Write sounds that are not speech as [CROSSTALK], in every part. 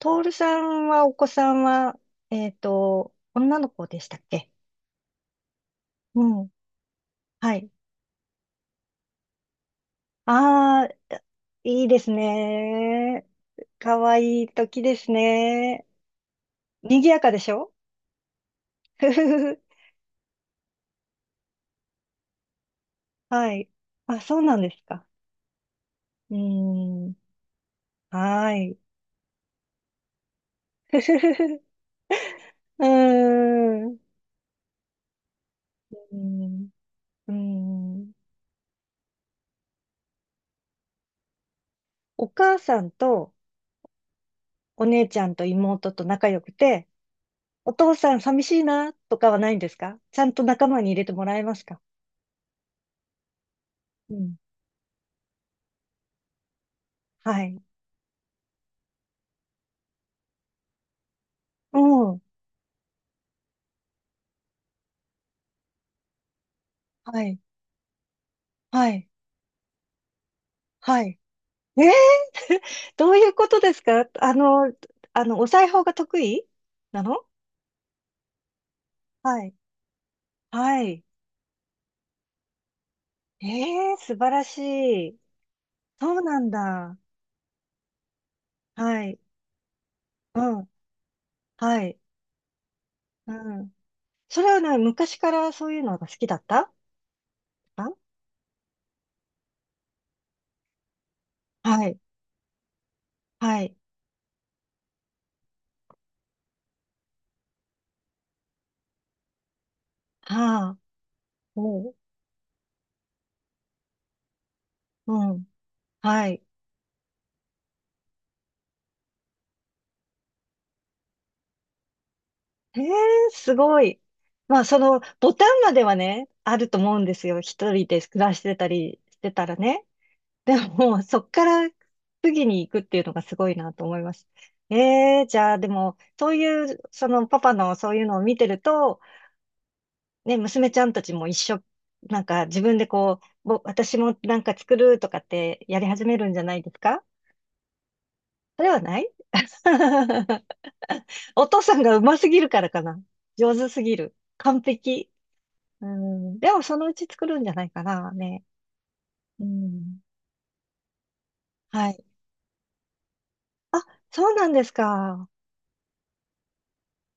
トールさんは、お子さんは、女の子でしたっけ？うん。はい。ああ、いいですね。かわいい時ですね。賑やかでしょ？ふふふ。 [LAUGHS] はい。あ、そうなんですか。うーん。はい。[LAUGHS] ふふふ、うーん。うーん。うーん。お母さんとお姉ちゃんと妹と仲良くて、お父さん寂しいなとかはないんですか？ちゃんと仲間に入れてもらえますか？うん。はい。うん。はい。はい。はい。えー、[LAUGHS] どういうことですか？お裁縫が得意なの？はい。はい。え素晴らしい。そうなんだ。はい。うん。はい。うん。それはね、昔からそういうのが好きだった？あ、はい。はい。はあ。おう。うん。はい。ええ、すごい。まあ、その、ボタンまではね、あると思うんですよ。一人で暮らしてたりしてたらね。でも、そっから次に行くっていうのがすごいなと思います。ええ、じゃあ、でも、そういう、その、パパのそういうのを見てると、ね、娘ちゃんたちも一緒、なんか自分でこう、私もなんか作るとかってやり始めるんじゃないですか？それはない？ [LAUGHS] お父さんがうますぎるからかな。上手すぎる。完璧。うん。でも、そのうち作るんじゃないかな、ね。うん。はい。あ、そうなんですか。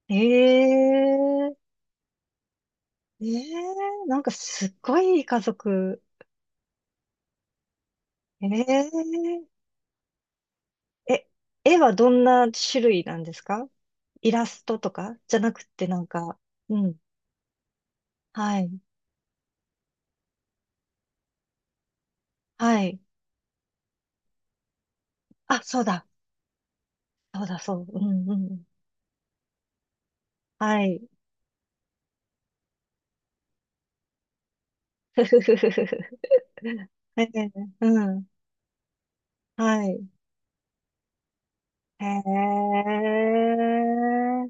ええええ、なんかすっごいいい家族。えええ、絵はどんな種類なんですか？イラストとかじゃなくてなんか、うん。はい。はい。あ、そうだ。そうだ、そう。うん、うん。はい。[LAUGHS] ふふふふふ。ええ、うん。はい。へえ。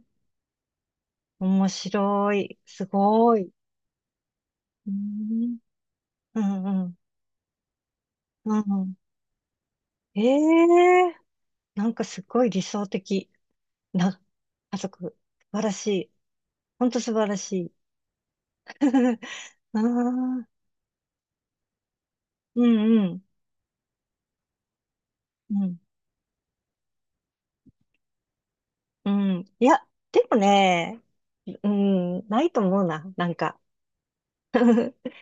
面白い。すごい。うん、うん、うん。うん。ええ、なんかすごい理想的な家族。素晴らしい。ほんと素晴らしい。[LAUGHS] ああ、うん、うん、うん、うん。いや、でもね、うん、ないと思うな、なんか。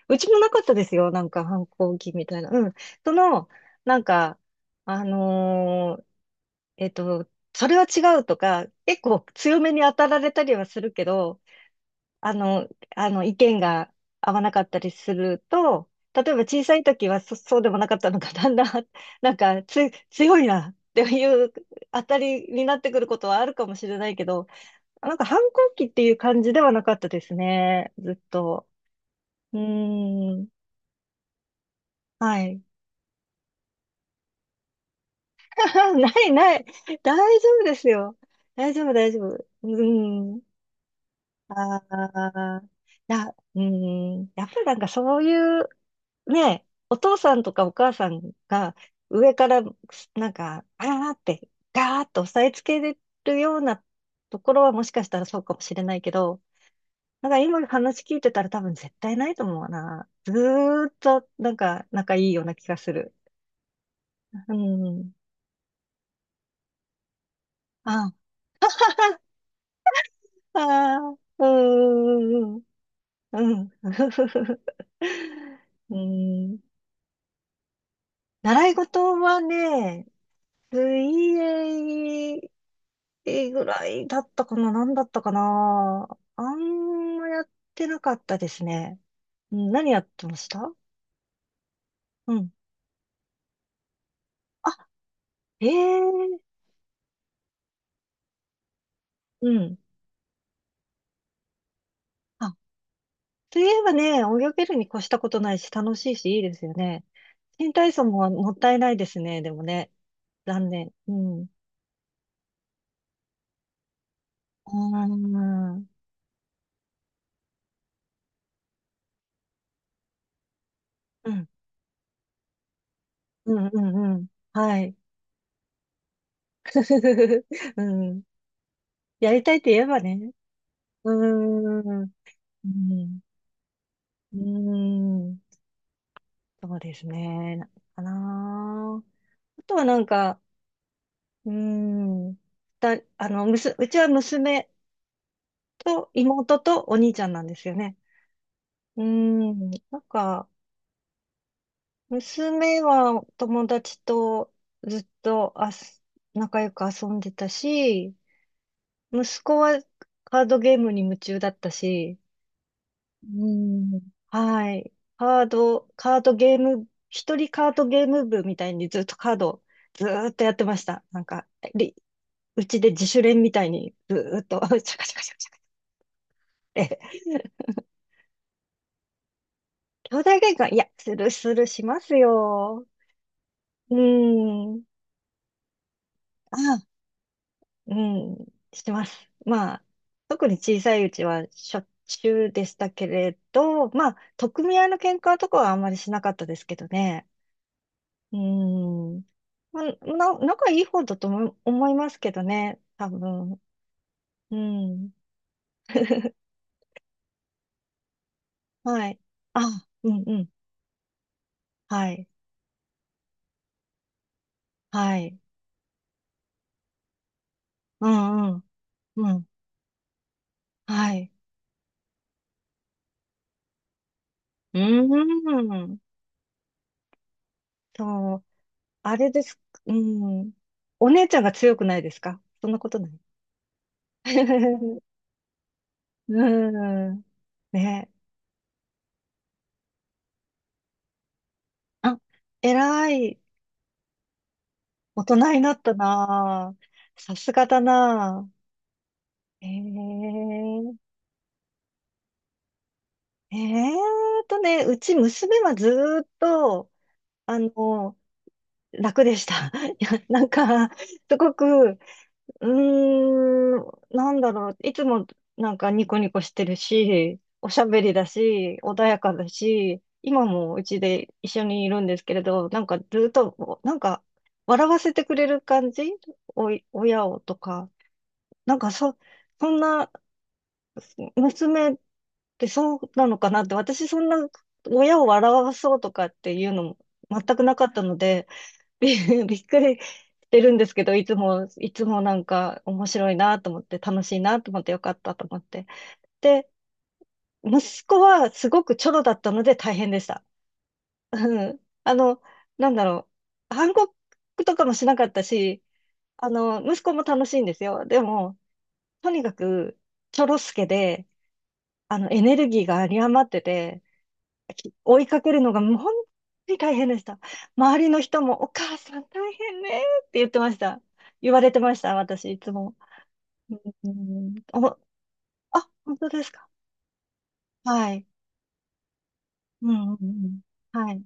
うちもなかったですよ、なんか反抗期みたいな。うん。その、なんか、あのーえっと、それは違うとか、結構強めに当たられたりはするけど、あの、意見が合わなかったりすると、例えば小さい時はそうでもなかったのが、だんだん、[LAUGHS] なんか、強いなっていう当たりになってくることはあるかもしれないけど、なんか反抗期っていう感じではなかったですね、ずっと。うーん、はい。[LAUGHS] ないない。[LAUGHS] 大丈夫ですよ。大丈夫、大丈夫。うーん。ああ、うん、やっぱりなんかそういう、ね、お父さんとかお母さんが上からなんか、あーって、ガーッと押さえつけれるようなところはもしかしたらそうかもしれないけど、なんか今話聞いてたら多分絶対ないと思うな。ずーっとなんか仲いいような気がする。うん。あ、[LAUGHS] あー、うーん、うん。[LAUGHS] うん。うん。習い事はね、水泳ぐらいだったかな、何だったかな。あんまやってなかったですね。うん。何やってました？うん。あ、ええ、うん。あ、といえばね、泳げるに越したことないし、楽しいし、いいですよね。新体操ももったいないですね、でもね。残念。うん。あー、うん。うん、うん、うん。はい。[LAUGHS] うん。やりたいって言えばね。うーん。うん。うーん。そうですね。なかな。あとはなんか、うーん。だ、あの、むす、うちは娘と妹とお兄ちゃんなんですよね。うーん。なんか、娘は友達とずっと仲良く遊んでたし、息子はカードゲームに夢中だったし、うん。はい。カードゲーム、一人カードゲーム部みたいにずっとカード、ずーっとやってました。なんか、りうちで自主練みたいにずーっと、[LAUGHS] シャカシャカシャカシャカって。兄弟喧嘩、いや、するするしますよ。うーん。あ、うん、してます。まあ、特に小さいうちはしょっちゅうでしたけれど、まあ、取っ組み合いの喧嘩とかはあんまりしなかったですけどね。うーん。まあ、仲いい方だと思いますけどね、多分。うん。[LAUGHS] はい。あ、うん、うん。はい。はい。うん、うん。うん。はい。うーん。そう。あれです。うん。お姉ちゃんが強くないですか？そんなことない？[LAUGHS] うん。ね。あ、偉い。大人になったなあ。さすがだなあ。えええーうち娘はずーっと、あの、楽でした。[LAUGHS] いや、なんか、すごく、うーん、なんだろう、いつもなんかニコニコしてるし、おしゃべりだし、穏やかだし、今もうちで一緒にいるんですけれど、なんかずーっと、なんか、笑わせてくれる感じ、おい、親をとか、なんか、そんな娘で、そうなのかなって、私そんな親を笑わそうとかっていうのも全くなかったので、び、[LAUGHS] びっくりしてるんですけど、いつも、いつもなんか面白いなと思って、楽しいなと思ってよかったと思って。で、息子はすごくチョロだったので大変でした。うん。あの、なんだろう。反抗とかもしなかったし、あの、息子も楽しいんですよ。でも、とにかく、チョロ助で、あの、エネルギーが有り余ってて、追いかけるのがもう本当に大変でした。周りの人もお母さん大変ねって言ってました。言われてました、私、いつも。うん、あ、本当ですか？はい。うん、うん、うん。はい。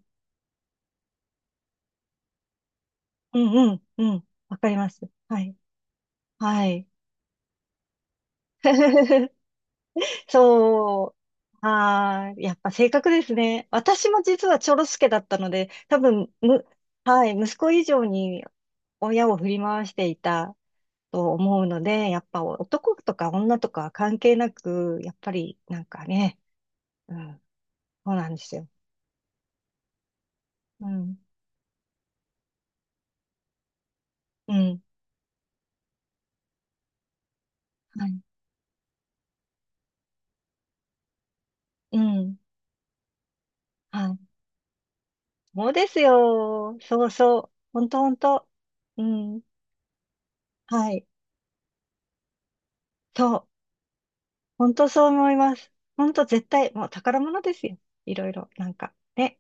うん、うん、うん。わかります。はい。はい。[LAUGHS] そう。はい。やっぱ性格ですね。私も実はちょろすけだったので、多分、はい。息子以上に親を振り回していたと思うので、やっぱ男とか女とかは関係なく、やっぱりなんかね、うん、そうなんですよ。うん、うん、はい、うん、はい。そうですよ。そうそう。ほんとほんと。うん、はい。そう。ほんとそう思います。ほんと絶対、もう宝物ですよ。いろいろ、なんか、ね。